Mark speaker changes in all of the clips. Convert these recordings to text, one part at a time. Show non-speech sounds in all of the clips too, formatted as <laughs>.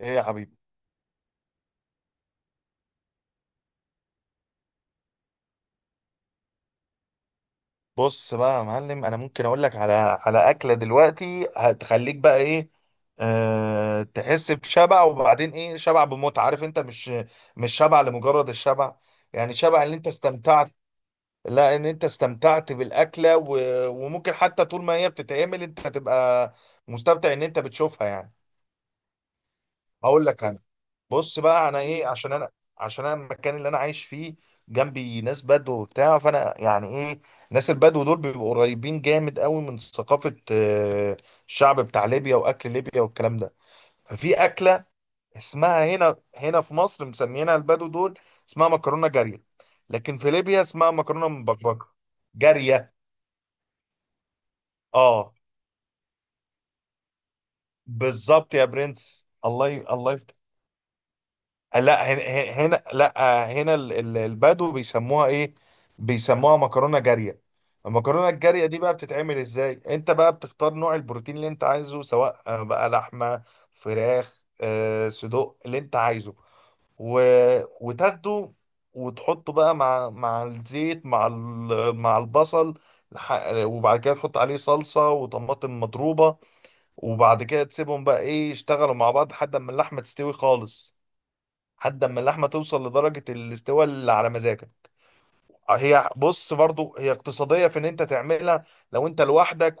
Speaker 1: ايه يا حبيبي. بص بقى يا معلم، انا ممكن اقول لك على اكله دلوقتي هتخليك بقى ايه. تحس بشبع، وبعدين ايه، شبع بمتعه. عارف انت مش شبع لمجرد الشبع، يعني شبع ان انت استمتعت. لا، ان انت استمتعت بالاكله، وممكن حتى طول ما هي بتتعمل انت هتبقى مستمتع ان انت بتشوفها يعني. هقول لك انا. بص بقى، انا ايه، عشان انا المكان اللي انا عايش فيه جنبي ناس بدو وبتاع، فانا يعني ايه، ناس البدو دول بيبقوا قريبين جامد قوي من ثقافة الشعب بتاع ليبيا، واكل ليبيا والكلام ده. ففي اكلة اسمها، هنا في مصر مسميينها البدو دول، اسمها مكرونة جارية، لكن في ليبيا اسمها مكرونة مبكبكة. جارية، اه بالظبط يا برنس. الله يفتح. لا، لا، هنا البدو بيسموها ايه، بيسموها مكرونه جاريه. المكرونه الجاريه دي بقى بتتعمل ازاي، انت بقى بتختار نوع البروتين اللي انت عايزه، سواء بقى لحمه، فراخ، صدوق اللي انت عايزه. و... وتاخده وتحطه بقى مع الزيت، مع مع البصل. وبعد كده تحط عليه صلصه وطماطم مضروبه، وبعد كده تسيبهم بقى ايه يشتغلوا مع بعض لحد ما اللحمه تستوي خالص، لحد اما اللحمه توصل لدرجه الاستواء اللي على مزاجك. هي بص، برضو هي اقتصاديه في ان انت تعملها لو انت لوحدك،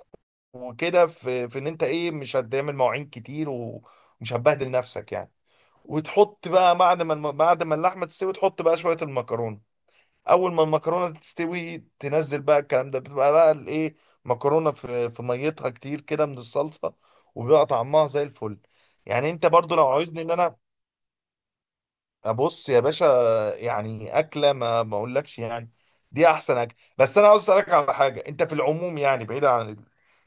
Speaker 1: وكده، في ان انت ايه، مش هتعمل مواعين كتير ومش هتبهدل نفسك يعني. وتحط بقى بعد ما بعد ما اللحمه تستوي، تحط بقى شويه المكرونه. اول ما المكرونه تستوي تنزل بقى الكلام ده، بتبقى بقى الايه، مكرونه في ميتها كتير كده من الصلصه، وبيبقى طعمها زي الفل. يعني انت برضو لو عاوزني ان انا ابص يا باشا، يعني اكله ما اقولكش يعني دي احسن اكل. بس انا عاوز اسالك على حاجه، انت في العموم، يعني بعيدا عن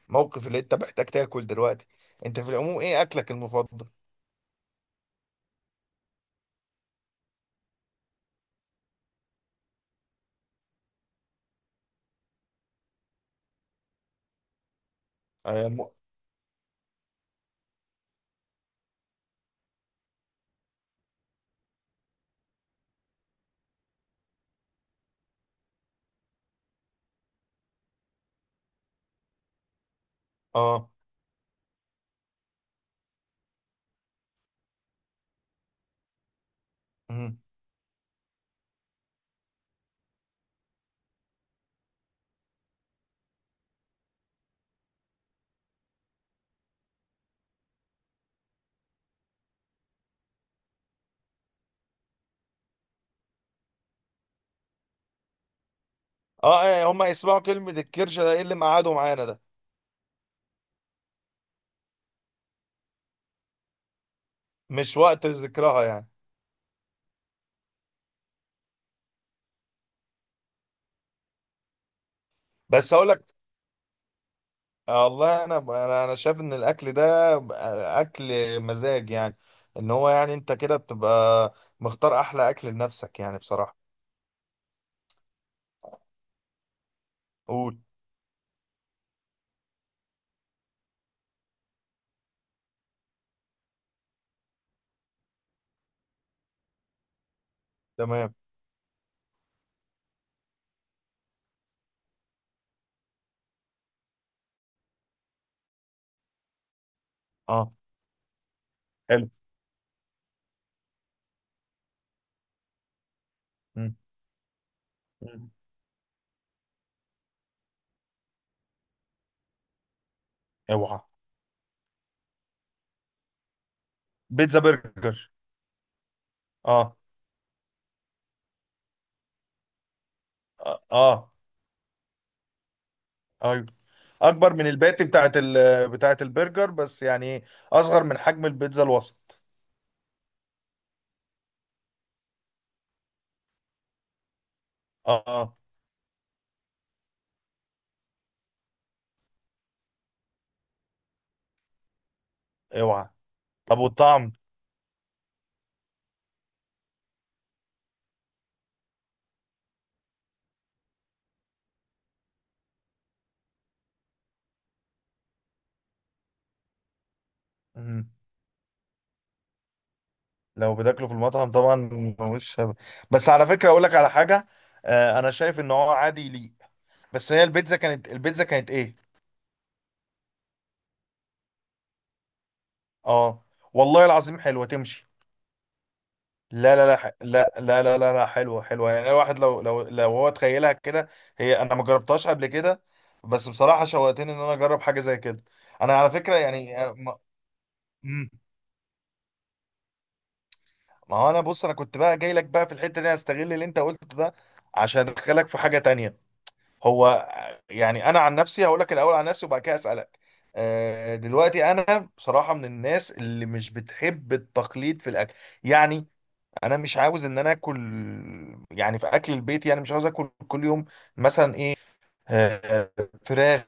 Speaker 1: الموقف اللي انت محتاج تاكل دلوقتي، انت في العموم ايه اكلك المفضل؟ اه م- اه، مم. اه هما يسمعوا كلمه الكرشه، ده ايه اللي معادوا معانا ده، مش وقت ذكرها يعني. بس اقول لك، والله انا شايف ان الاكل ده اكل مزاج يعني، ان هو يعني انت كده بتبقى مختار احلى اكل لنفسك يعني بصراحه. قول. تمام. اه. حلو. مم. مم. اوعى. بيتزا برجر، اه. اه ايوه. اكبر من الباتي بتاعت بتاعت البرجر بس يعني، اصغر من حجم البيتزا الوسط. اه اوعى. طب والطعم؟ مم. لو بتاكله في المطعم طبعا. مش هب- بس على فكره اقول لك على حاجه، انا شايف ان هو عادي ليه. بس هي البيتزا كانت، البيتزا كانت ايه. اه، والله العظيم حلوه تمشي. لا، لا حلوة حلوة يعني. الواحد لو لو هو تخيلها كده، هي انا ما جربتهاش قبل كده بس بصراحة شوقتني ان انا اجرب حاجة زي كده. انا على فكرة يعني ما. مم. ما هو انا بص، انا كنت بقى جاي لك بقى في الحتة دي، هستغل اللي انت قلته ده عشان ادخلك في حاجة تانية. هو يعني انا عن نفسي هقول لك الاول عن نفسي وبعد كده اسألك. دلوقتي انا بصراحة من الناس اللي مش بتحب التقليد في الاكل، يعني انا مش عاوز ان انا اكل، يعني في اكل البيت، يعني مش عاوز اكل كل يوم مثلا ايه، آه، فراخ،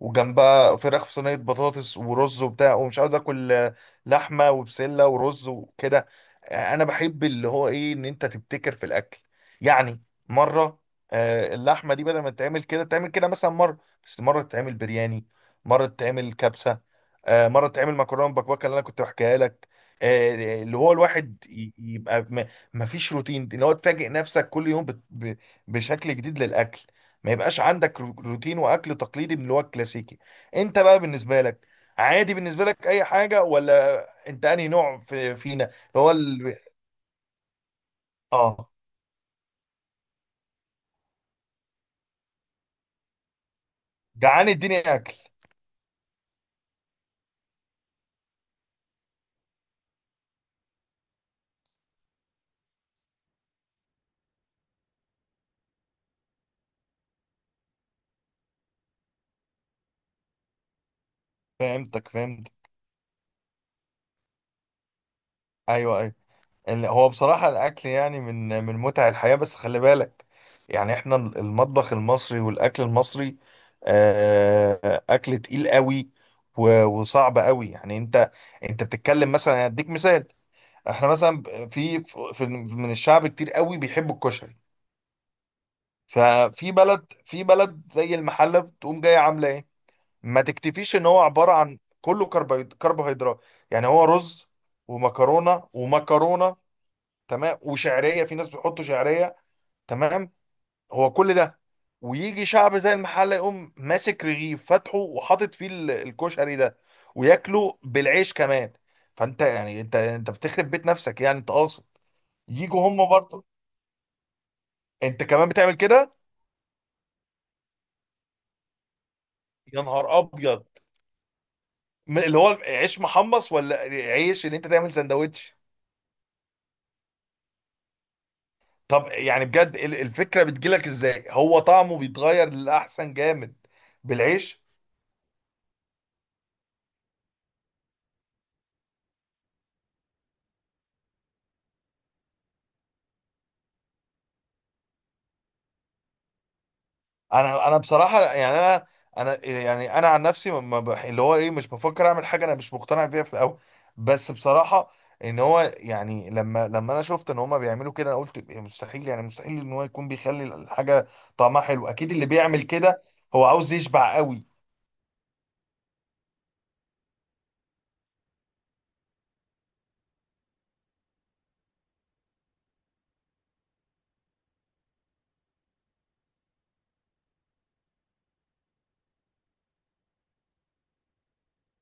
Speaker 1: وجنبها فراخ في صينيه بطاطس ورز وبتاع، ومش عاوز اكل لحمه وبسله ورز وكده. انا بحب اللي هو ايه، ان انت تبتكر في الاكل يعني. مره اللحمه دي بدل ما تتعمل كده تعمل كده مثلا، مره بس، مره تتعمل برياني، مره تتعمل كبسه، مره تتعمل مكرونه بكبكه اللي انا كنت بحكيها لك. اللي هو الواحد يبقى ما فيش روتين، اللي هو تفاجئ نفسك كل يوم بشكل جديد للاكل. ما يبقاش عندك روتين واكل تقليدي من اللي هو الكلاسيكي. انت بقى بالنسبه لك، عادي بالنسبه لك اي حاجه، ولا انت انهي نوع في فينا اللي هو اه. جعان اديني اكل. فهمتك، فهمت. ايوه ايوه. هو بصراحه الاكل يعني من من متع الحياه، بس خلي بالك يعني احنا المطبخ المصري والاكل المصري اكل تقيل قوي، وصعب قوي يعني. انت انت بتتكلم مثلا، هديك مثال، احنا مثلا في، من الشعب كتير قوي بيحبوا الكشري، ففي بلد، في بلد زي المحلة بتقوم جاية عاملة ايه، ما تكتفيش ان هو عبارة عن كله كربوهيدرات، يعني هو رز ومكرونة تمام، وشعرية، في ناس بيحطوا شعرية، تمام، هو كل ده، ويجي شعب زي المحلة يقوم ماسك رغيف فاتحه وحاطط فيه الكشري ده وياكله بالعيش كمان. فانت يعني انت بتخرب بيت نفسك يعني، انت قاصد يجوا هم برضه؟ انت كمان بتعمل كده؟ يا نهار ابيض. اللي هو عيش محمص، ولا عيش ان انت تعمل سندوتش؟ طب يعني بجد الفكره بتجيلك ازاي، هو طعمه بيتغير للاحسن جامد بالعيش؟ انا بصراحه يعني انا يعني انا عن نفسي ما ما بح- اللي هو ايه، مش بفكر اعمل حاجه انا مش مقتنع بيها في الاول. بس بصراحه، ان هو يعني لما انا شفت ان هما بيعملوا كده، انا قلت إيه، مستحيل، يعني مستحيل ان هو يكون بيخلي الحاجه طعمها حلو. اكيد اللي بيعمل كده هو عاوز يشبع قوي.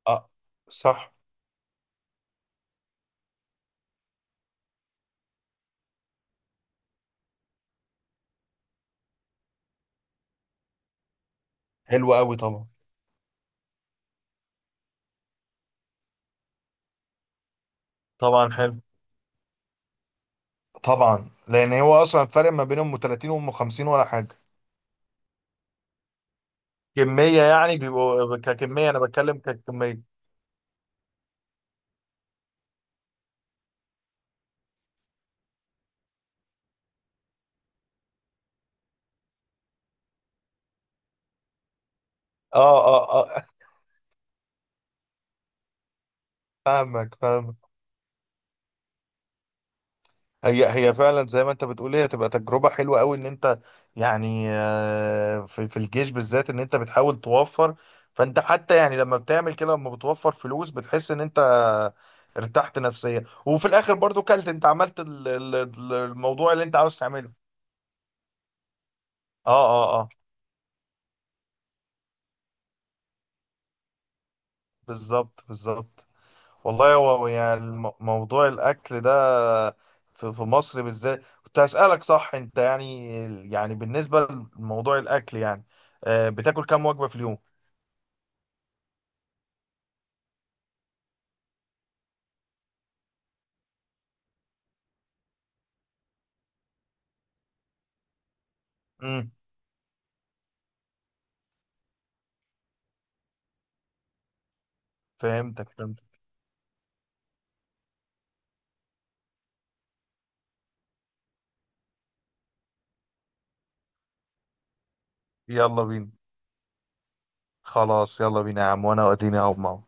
Speaker 1: اه. صح. حلو قوي طبعا. طبعا حلو. طبعا، لان هو اصلا الفرق ما بينهم 30 وام 50 ولا حاجه. كميه يعني، بيبقوا ككميه، انا بتكلم ككميه. اه اه اه. <laughs> فاهمك فاهمك. هي هي فعلا زي ما انت بتقول، هي تبقى تجربه حلوه قوي ان انت يعني في في الجيش بالذات، ان انت بتحاول توفر. فانت حتى يعني لما بتعمل كده، لما بتوفر فلوس بتحس ان انت ارتحت نفسيا، وفي الاخر برضو كلت، انت عملت الموضوع اللي انت عاوز تعمله. اه اه اه. بالظبط بالظبط. والله، هو يعني موضوع الاكل ده في في مصر بالذات. كنت هسألك، صح انت يعني، يعني بالنسبة لموضوع الاكل يعني بتاكل كام وجبة في اليوم؟ امم. فهمتك فهمتك. يلا بينا. خلاص يلا بينا يا عم، وانا واديني اهو معاك.